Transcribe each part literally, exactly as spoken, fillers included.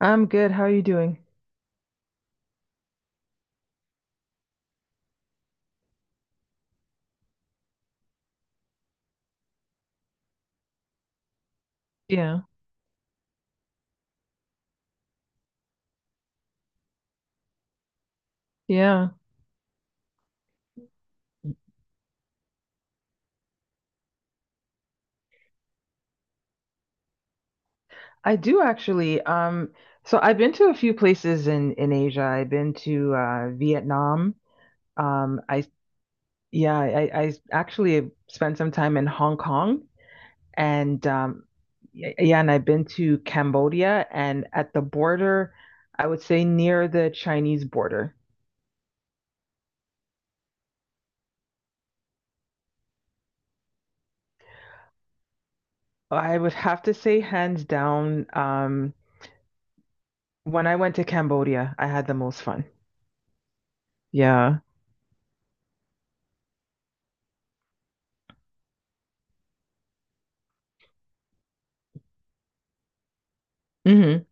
I'm good. How are you doing? Yeah. Yeah. I do actually. Um, so I've been to a few places in in Asia. I've been to uh Vietnam. Um, I Yeah, I I actually spent some time in Hong Kong and um y- yeah, and I've been to Cambodia and at the border, I would say near the Chinese border. I would have to say hands down, um, when I went to Cambodia, I had the most fun. Yeah. Hmm.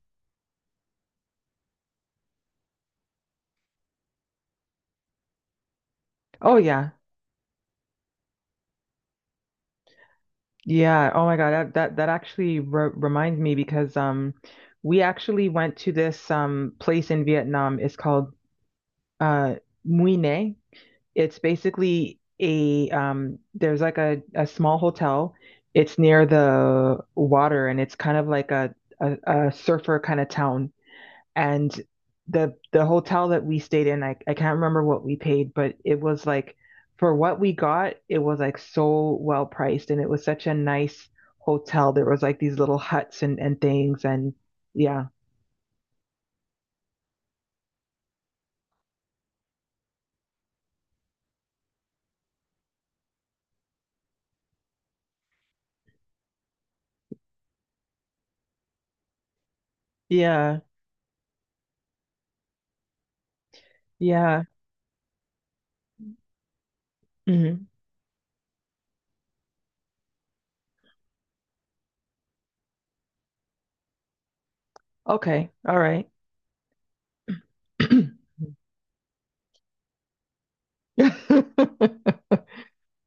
Oh yeah. Yeah. Oh my God. That that that actually re reminds me because um we actually went to this um place in Vietnam. It's called uh Mũi Né. It's basically a um there's like a, a small hotel. It's near the water and it's kind of like a a, a surfer kind of town and the the hotel that we stayed in, I, I can't remember what we paid, but it was like for what we got, it was like so well priced and it was such a nice hotel. There was like these little huts and and things and yeah. Yeah. Yeah. Hmm. Okay. All right.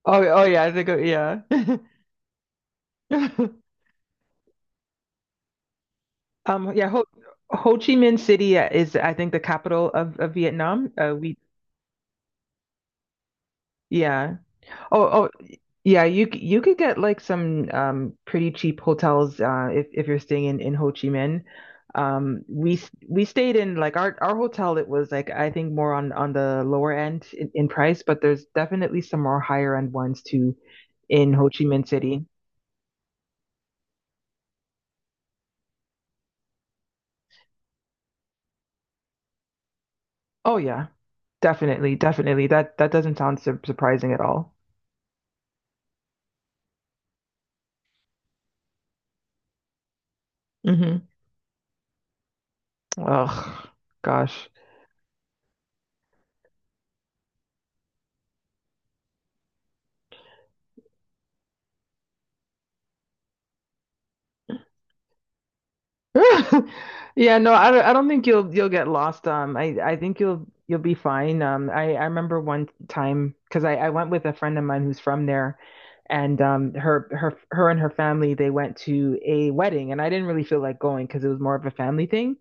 Oh, oh yeah, I think yeah. Um yeah, Ho, Ho Chi Minh City is I think the capital of, of Vietnam. Uh, we yeah. Oh, oh yeah, you c- you could get like some um, pretty cheap hotels uh, if if you're staying in, in Ho Chi Minh. Um, we s- we stayed in like our our hotel. It was like I think more on on the lower end in, in price, but there's definitely some more higher end ones too in Ho Chi Minh City. Oh yeah, definitely, definitely. That that doesn't sound sur surprising at all. Mm-hmm. Ugh, gosh. Yeah, no, I don't, I don't think you'll you'll get lost. Um, I I think you'll you'll be fine. Um, I I remember one time because I I went with a friend of mine who's from there, and um, her her her and her family they went to a wedding, and I didn't really feel like going because it was more of a family thing.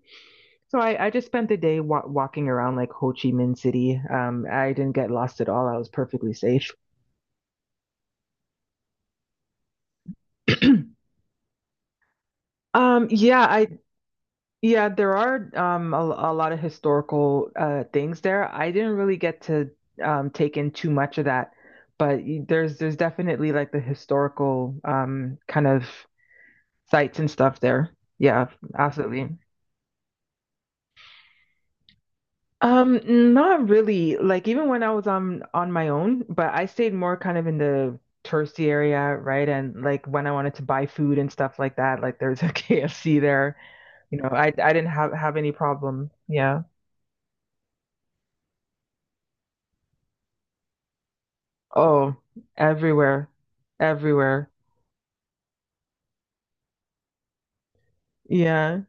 So I I just spent the day wa walking around like Ho Chi Minh City. Um, I didn't get lost at all. I was perfectly safe. Um, yeah, I Yeah, there are um, a, a lot of historical uh, things there. I didn't really get to um, take in too much of that, but y- there's there's definitely like the historical um, kind of sites and stuff there. Yeah, absolutely. Um, not really. Like even when I was on on my own, but I stayed more kind of in the touristy area, right? And like when I wanted to buy food and stuff like that, like there's a K F C there. You know, I I didn't have have any problem. Yeah. Oh, everywhere. Everywhere. Yeah.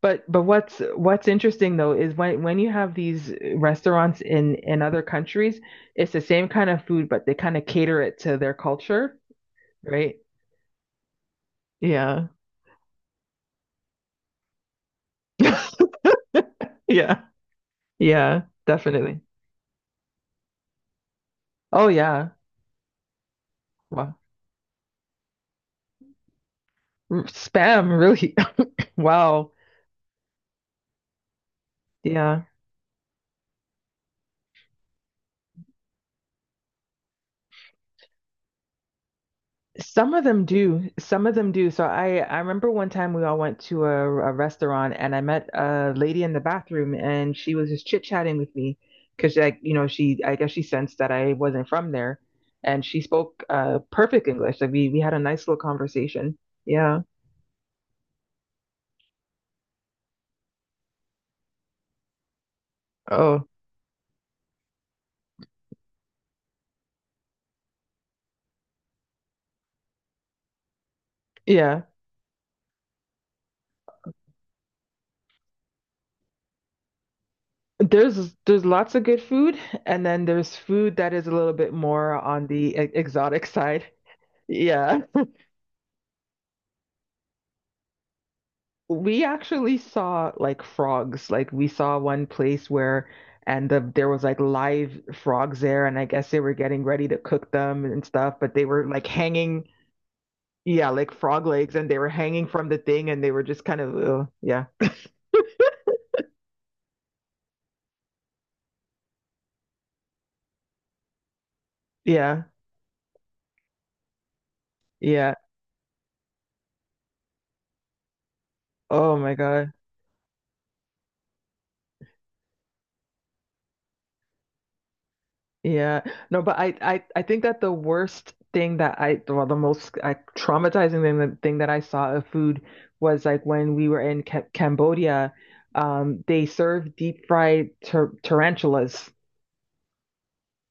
But but what's what's interesting though is when when you have these restaurants in in other countries, it's the same kind of food, but they kind of cater it to their culture, right? Yeah. Yeah. Yeah, definitely. Oh yeah. Wow. R- Spam, really. Wow. Yeah. Some of them do. Some of them do. So I I remember one time we all went to a, a restaurant and I met a lady in the bathroom and she was just chit-chatting with me because like you know she I guess she sensed that I wasn't from there and she spoke uh perfect English. Like we we had a nice little conversation. Yeah. Oh, yeah. There's there's lots of good food and then there's food that is a little bit more on the e- exotic side. Yeah. We actually saw like frogs. Like we saw one place where and the, there was like live frogs there and I guess they were getting ready to cook them and stuff, but they were like hanging yeah, like frog legs and they were hanging from the thing and they were just kind of uh, yeah. Yeah. Yeah. Oh my God. Yeah. No, but I, I, I think that the worst thing that I, well, the most uh, traumatizing thing, the thing that I saw of food was like when we were in Ca Cambodia, um, they served deep fried tar tarantulas.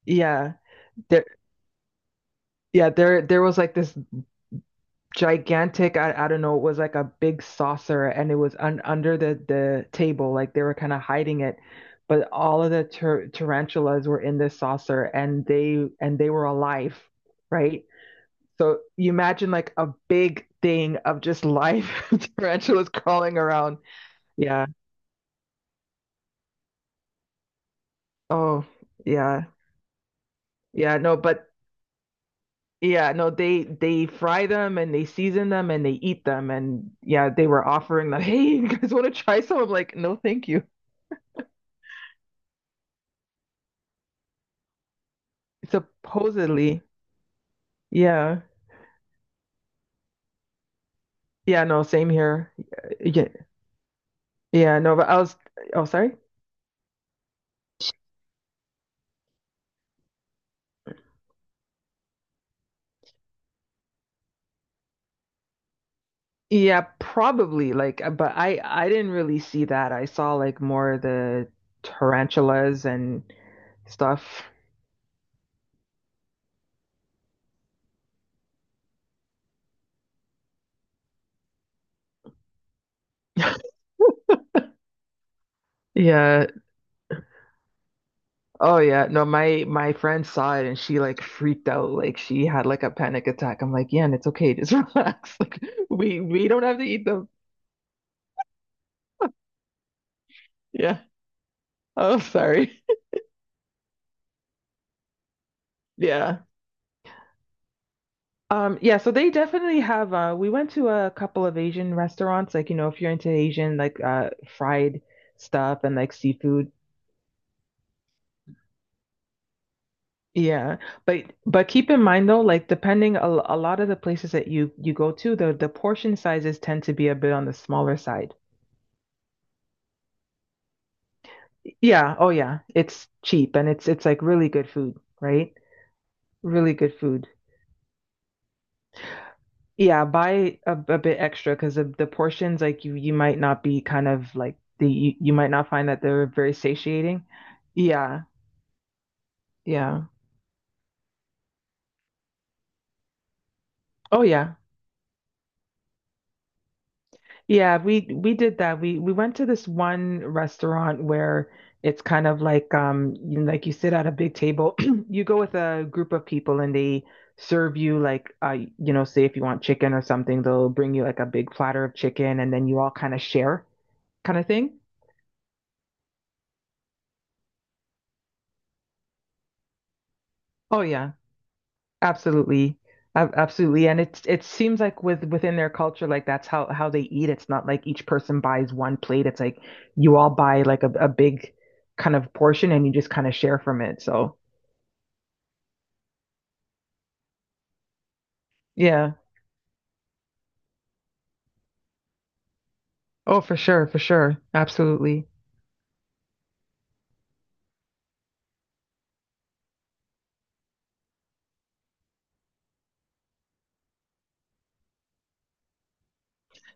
Yeah. There, yeah, there, there was like this gigantic, I, I don't know, it was like a big saucer and it was un under the, the table. Like they were kind of hiding it. But all of the tar tarantulas were in this saucer and they, and they were alive, right? So you imagine like a big thing of just live tarantulas crawling around. Yeah. Oh, yeah. Yeah, no, but yeah, no, they they fry them and they season them and they eat them and yeah, they were offering them, "Hey, you guys want to try some?" I'm like, "No, thank you." Supposedly. Yeah. Yeah, no, same here. Yeah. Yeah, no, but I was oh, sorry. Yeah, probably like uh, but I I didn't really see that. I saw like more the tarantulas and stuff. Yeah. Oh yeah. No, my my friend saw it and she like freaked out. Like she had like a panic attack. I'm like, yeah, and it's okay. Just relax. Like we we don't have to eat them. Yeah. Oh, sorry. Yeah. Um, yeah, so they definitely have uh we went to a couple of Asian restaurants, like you know, if you're into Asian like uh fried stuff and like seafood. Yeah. But but keep in mind though, like depending a, a lot of the places that you you go to, the the portion sizes tend to be a bit on the smaller side. Yeah, oh yeah. It's cheap and it's it's like really good food, right? Really good food. Yeah, buy a, a bit extra because of the portions like you you might not be kind of like the you, you might not find that they're very satiating. Yeah. Yeah. Oh yeah. Yeah, we we did that. We we went to this one restaurant where it's kind of like um you know, like you sit at a big table. You go with a group of people and they serve you like uh you know, say if you want chicken or something, they'll bring you like a big platter of chicken and then you all kind of share kind of thing. Oh yeah, absolutely. Ab- Absolutely. And it's it seems like with within their culture, like that's how how they eat. It's not like each person buys one plate. It's like you all buy like a, a big kind of portion and you just kind of share from it. So yeah. Oh, for sure, for sure. Absolutely.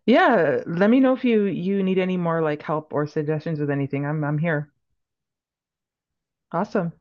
Yeah. Let me know if you you need any more like help or suggestions with anything. I'm I'm here. Awesome.